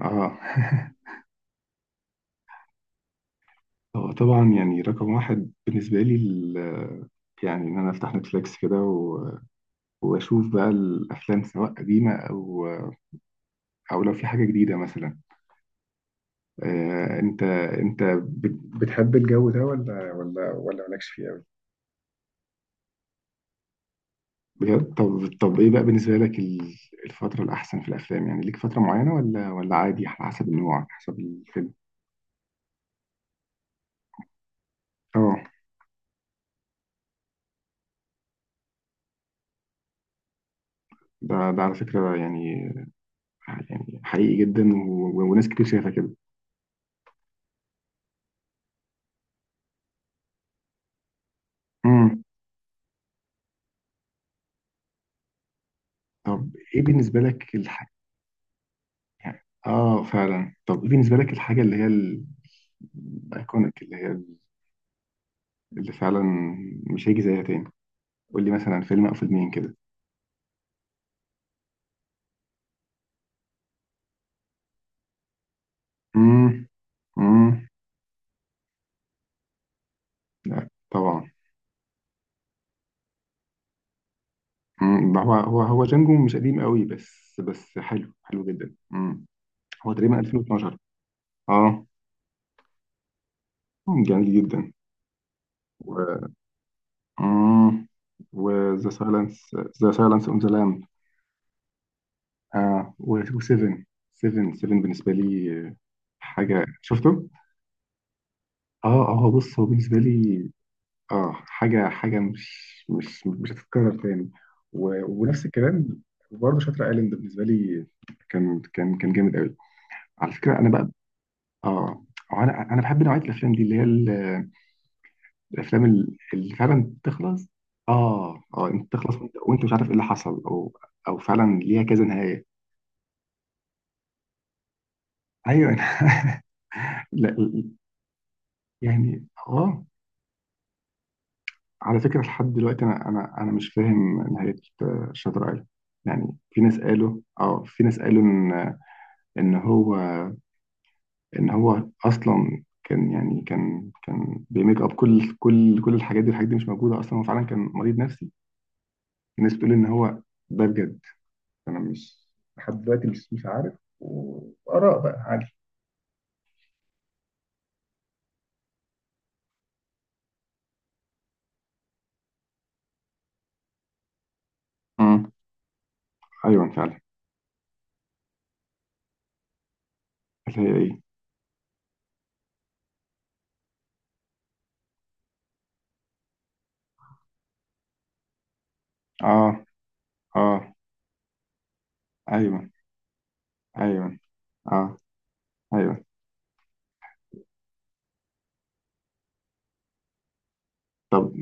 اه هو طبعا يعني رقم واحد بالنسبة لي يعني إن أنا أفتح نتفليكس كده وأشوف بقى الأفلام، سواء قديمة أو لو في حاجة جديدة مثلا. أنت بتحب الجو ده ولا مالكش فيه أوي؟ بجد. طب إيه بقى بالنسبة لك الفترة الأحسن في الأفلام؟ يعني ليك فترة معينة ولا عادي على حسب النوع، على حسب الفيلم؟ أه. ده على فكرة يعني، يعني حقيقي جدا وناس كتير شايفة كده. طب ايه بالنسبة لك الحاجة؟ اه فعلا. طب ايه بالنسبة لك الحاجة اللي هي الايكونيك، اللي هي اللي فعلا مش هيجي زيها تاني؟ قول لي مثلا فيلم او فيلمين كده. امم امم. لا طبعا. امم. هو جانجو مش قديم قوي، بس حلو حلو جدا. امم. هو تقريبا 2012. اه. جميل جدا. و امم وذا سايلنس. ذا سايلنس اون ذا لام. اه. و7، 7، 7 بالنسبة لي حاجة. شفته؟ اه، اه. هو بص، هو بالنسبة لي اه حاجة، حاجة مش هتتكرر تاني. ونفس الكلام. برضه شاتر ايلاند بالنسبة لي كان جامد قوي. على فكرة انا بقى اه، هو انا بحب نوعية الافلام دي، اللي هي الافلام اللي فعلا تخلص. اه اه، انت تخلص وانت مش عارف ايه اللي حصل، او او فعلا ليها كذا نهاية. ايوه لا، يعني اه، على فكرة لحد دلوقتي أنا مش فاهم نهاية شاتر أيلاند. يعني في ناس قالوا، في ناس قالوا إن... إن هو، إن هو أصلا كان يعني كان بيميك أب كل الحاجات دي. الحاجات دي مش موجودة أصلا، هو فعلا كان مريض نفسي. في ناس بتقول إن هو... ده بجد أنا مش... لحد دلوقتي مش عارف، وآراء بقى عادي. امم. أيوه فعلا. اللي هي إيه؟ أه أه. أيوه أيوه. أه. أيوه. طب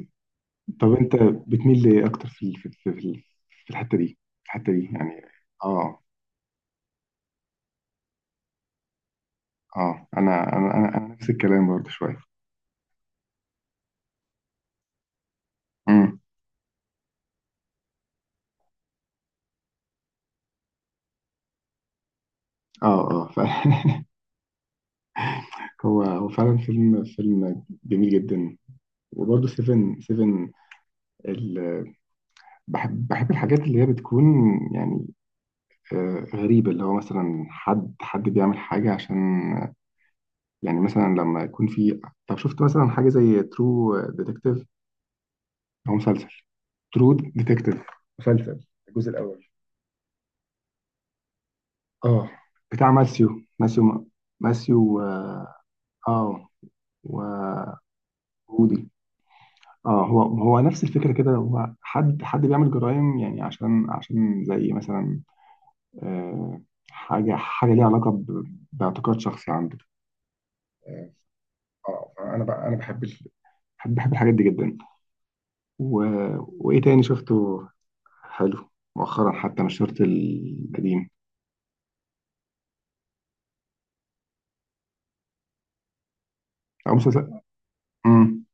طب انت بتميل لإيه أكتر في في في الحتة دي؟ في الحتة دي يعني. اه، اه. أنا نفس الكلام برضه شوية. امم. اه اه هو فعلا فيلم جميل جدا. وبرضه سيفن، سيفن ال... بحب الحاجات اللي هي بتكون يعني غريبة، اللي هو مثلا حد، حد بيعمل حاجة عشان... يعني مثلا لما يكون في... طب، شفت مثلا حاجة زي ترو ديتكتيف، أو مسلسل ترو ديتكتيف؟ مسلسل الجزء الأول. اه، بتاع ماسيو. ماسيو. ماسيو، اه. آه، وهودي. اه، هو نفس الفكره كده. هو حد بيعمل جرائم يعني عشان زي مثلا آه حاجه، حاجه ليها علاقه باعتقاد شخصي عنده. اه انا بقى، انا بحب بحب الحاجات دي جدا. و... وايه تاني شفته حلو مؤخرا؟ حتى مش شرط القديم. او مسلسل. امم.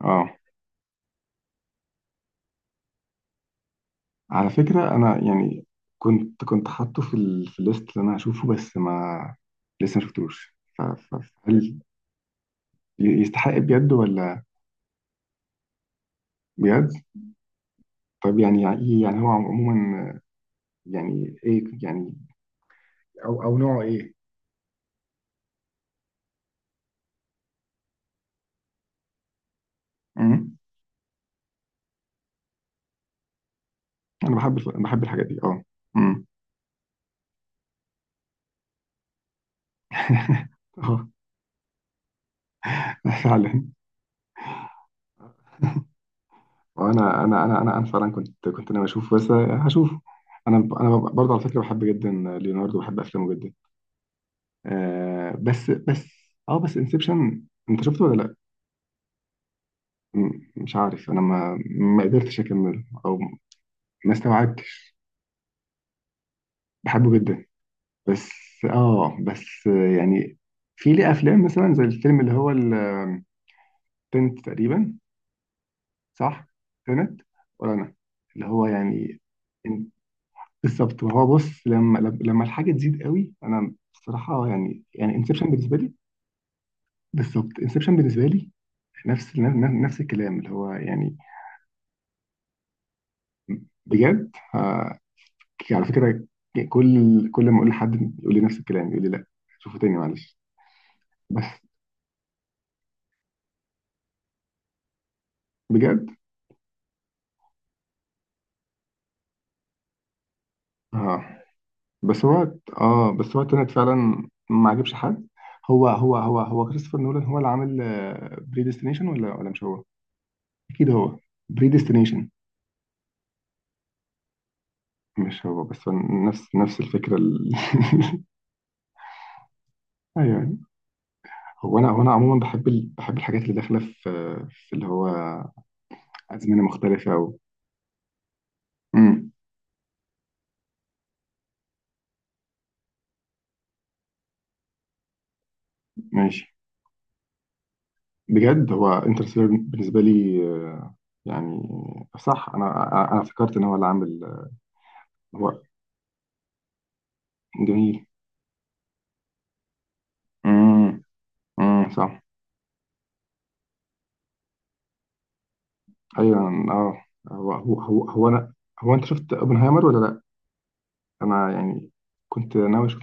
اه، على فكرة أنا يعني كنت حاطه في في الليست اللي أنا هشوفه، بس ما لسه ما شفتوش هل يستحق بجد ولا؟ بجد؟ طب يعني، يعني إيه؟ يعني هو عموما يعني إيه يعني؟ أو نوعه إيه؟ أمم. أنا بحب بحب الحاجات دي أه. أمم. أه فعلا. وأنا أنا فعلا كنت ناوي أشوفه بس هشوفه. أنا برضه على فكرة بحب جدا ليوناردو، بحب أفلامه جدا. آه بس اه بس انسبشن، انت شفته ولا لا؟ مش عارف، انا ما قدرتش اكمله او ما استوعبتش. بحبه جدا، بس اه بس يعني في ليه افلام مثلا زي الفيلم اللي هو التنت تقريبا، صح؟ تنت، ولا انا اللي هو يعني... إن- بالظبط. وهو بص، لما الحاجه تزيد قوي انا بصراحه يعني انسبشن بالنسبه لي. بالظبط انسبشن بالنسبه لي، نفس، نفس الكلام اللي هو يعني... بجد على فكرة، كل ما اقول لحد يقول لي نفس الكلام، يقول لي لا، شوفه تاني معلش. بس بجد. اه بس هو، اه بس هو تنت فعلا ما عجبش حد. هو كريستوفر نولان هو اللي عامل بريديستنيشن ولا مش هو؟ اكيد هو. بريديستنيشن، مش هو؟ بس هو نفس الفكرة ايوه. هو انا عموما بحب بحب الحاجات اللي داخلة في في اللي هو أزمنة مختلفة مم. ماشي. بجد هو انترستيلر بالنسبه لي يعني، صح. انا أنا فكرت ان هو اللي عامل. هو، جميل. امم امم. صح. ايوه. اه. هو انا، هو انت شفت اوبنهايمر ولا لا؟ انا يعني كنت ناوي اشوف.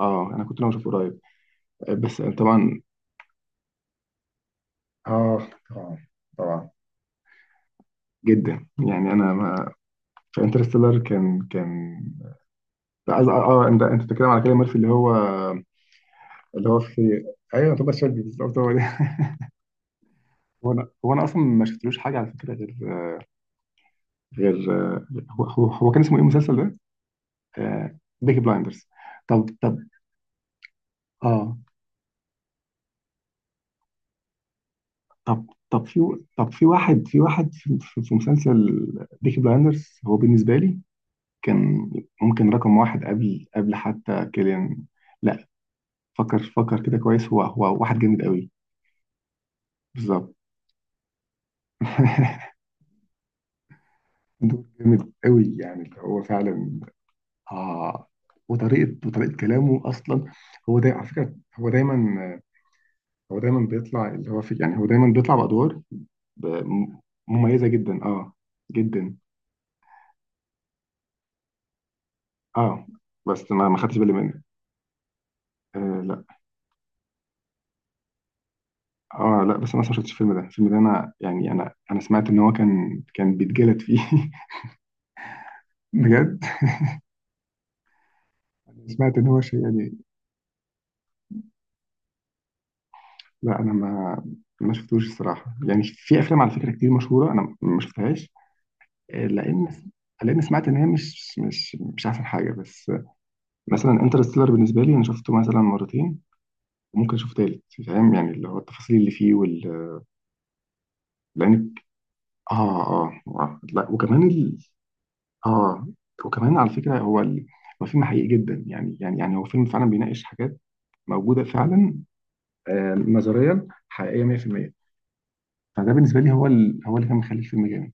اه انا كنت ناوي اشوفه قريب بس طبعا. اه طبعا. طبعا جدا يعني انا ما... في انترستيلر كان اه انت بتتكلم على كلام ميرفي اللي هو، اللي هو في... ايوه توماس شيلبي بالظبط، هو ده. هو انا اصلا ما شفتلوش حاجه على فكره غير، غير... هو كان اسمه ايه المسلسل ده؟ آه، بيكي بلايندرز. طب اه، طب في، طب في واحد، في واحد في، في مسلسل بيكي بلايندرز هو بالنسبه لي كان ممكن رقم واحد، قبل حتى كيليان. لا، فكر فكر كده كويس. هو واحد جامد قوي. بالظبط. دور جامد قوي يعني، اللي هو فعلا آه وطريقه، وطريقه كلامه اصلا. هو دايما على فكره، هو دايما، هو دايما بيطلع اللي هو في يعني. هو دايما بيطلع بأدوار ب- م- مميزة جدا، اه جدا. اه بس ما خدتش بالي منها. آه لا. اه لا، بس انا أصلاً ما شفتش الفيلم ده. الفيلم ده انا يعني، انا سمعت ان هو كان بيتجلد فيه بجد. سمعت ان هو شيء يعني. لا انا ما، ما شفتوش الصراحه. يعني في افلام على فكره كتير مشهوره انا ما شفتهاش لان، لان سمعت ان هي مش احسن حاجه بس مثلا انترستيلر بالنسبه لي انا شفته مثلا مرتين، وممكن اشوف تالت. فاهم يعني، اللي هو التفاصيل اللي فيه وال... لانك اه، اه، آه. لا، وكمان اه وكمان على فكره هو هو فيلم حقيقي جدا يعني، يعني يعني هو فيلم فعلا بيناقش حاجات موجوده فعلا. آه، نظريا حقيقيه 100%. فده بالنسبه لي هو هو اللي كان مخلي الفيلم جامد.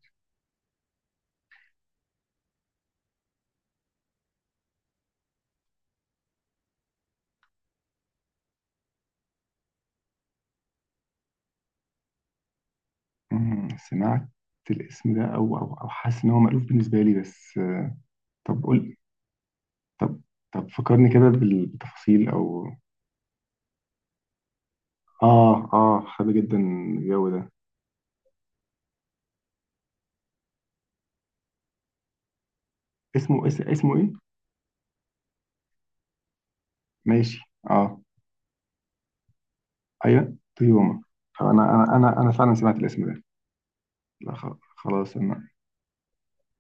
سمعت الاسم ده، او حاسس ان هو مألوف بالنسبه لي بس طب قول، طب، طب فكرني كده بالتفاصيل او اه، اه، حابب جدا الجو ده. اسمه اسمه ايه؟ ماشي. اه. ايوه طيوما. طب انا انا فعلا سمعت الاسم ده. لا، خلاص انا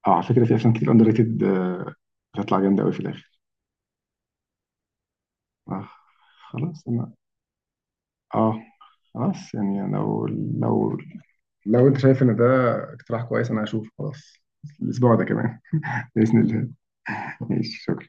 اه، على فكره في افلام كتير اندر ريتد بتطلع جامده قوي في الاخر. آه خلاص انا، اه خلاص، يعني لو لو انت شايف ان ده اقتراح كويس انا هشوف خلاص الاسبوع ده كمان. باذن الله. ماشي شكرا.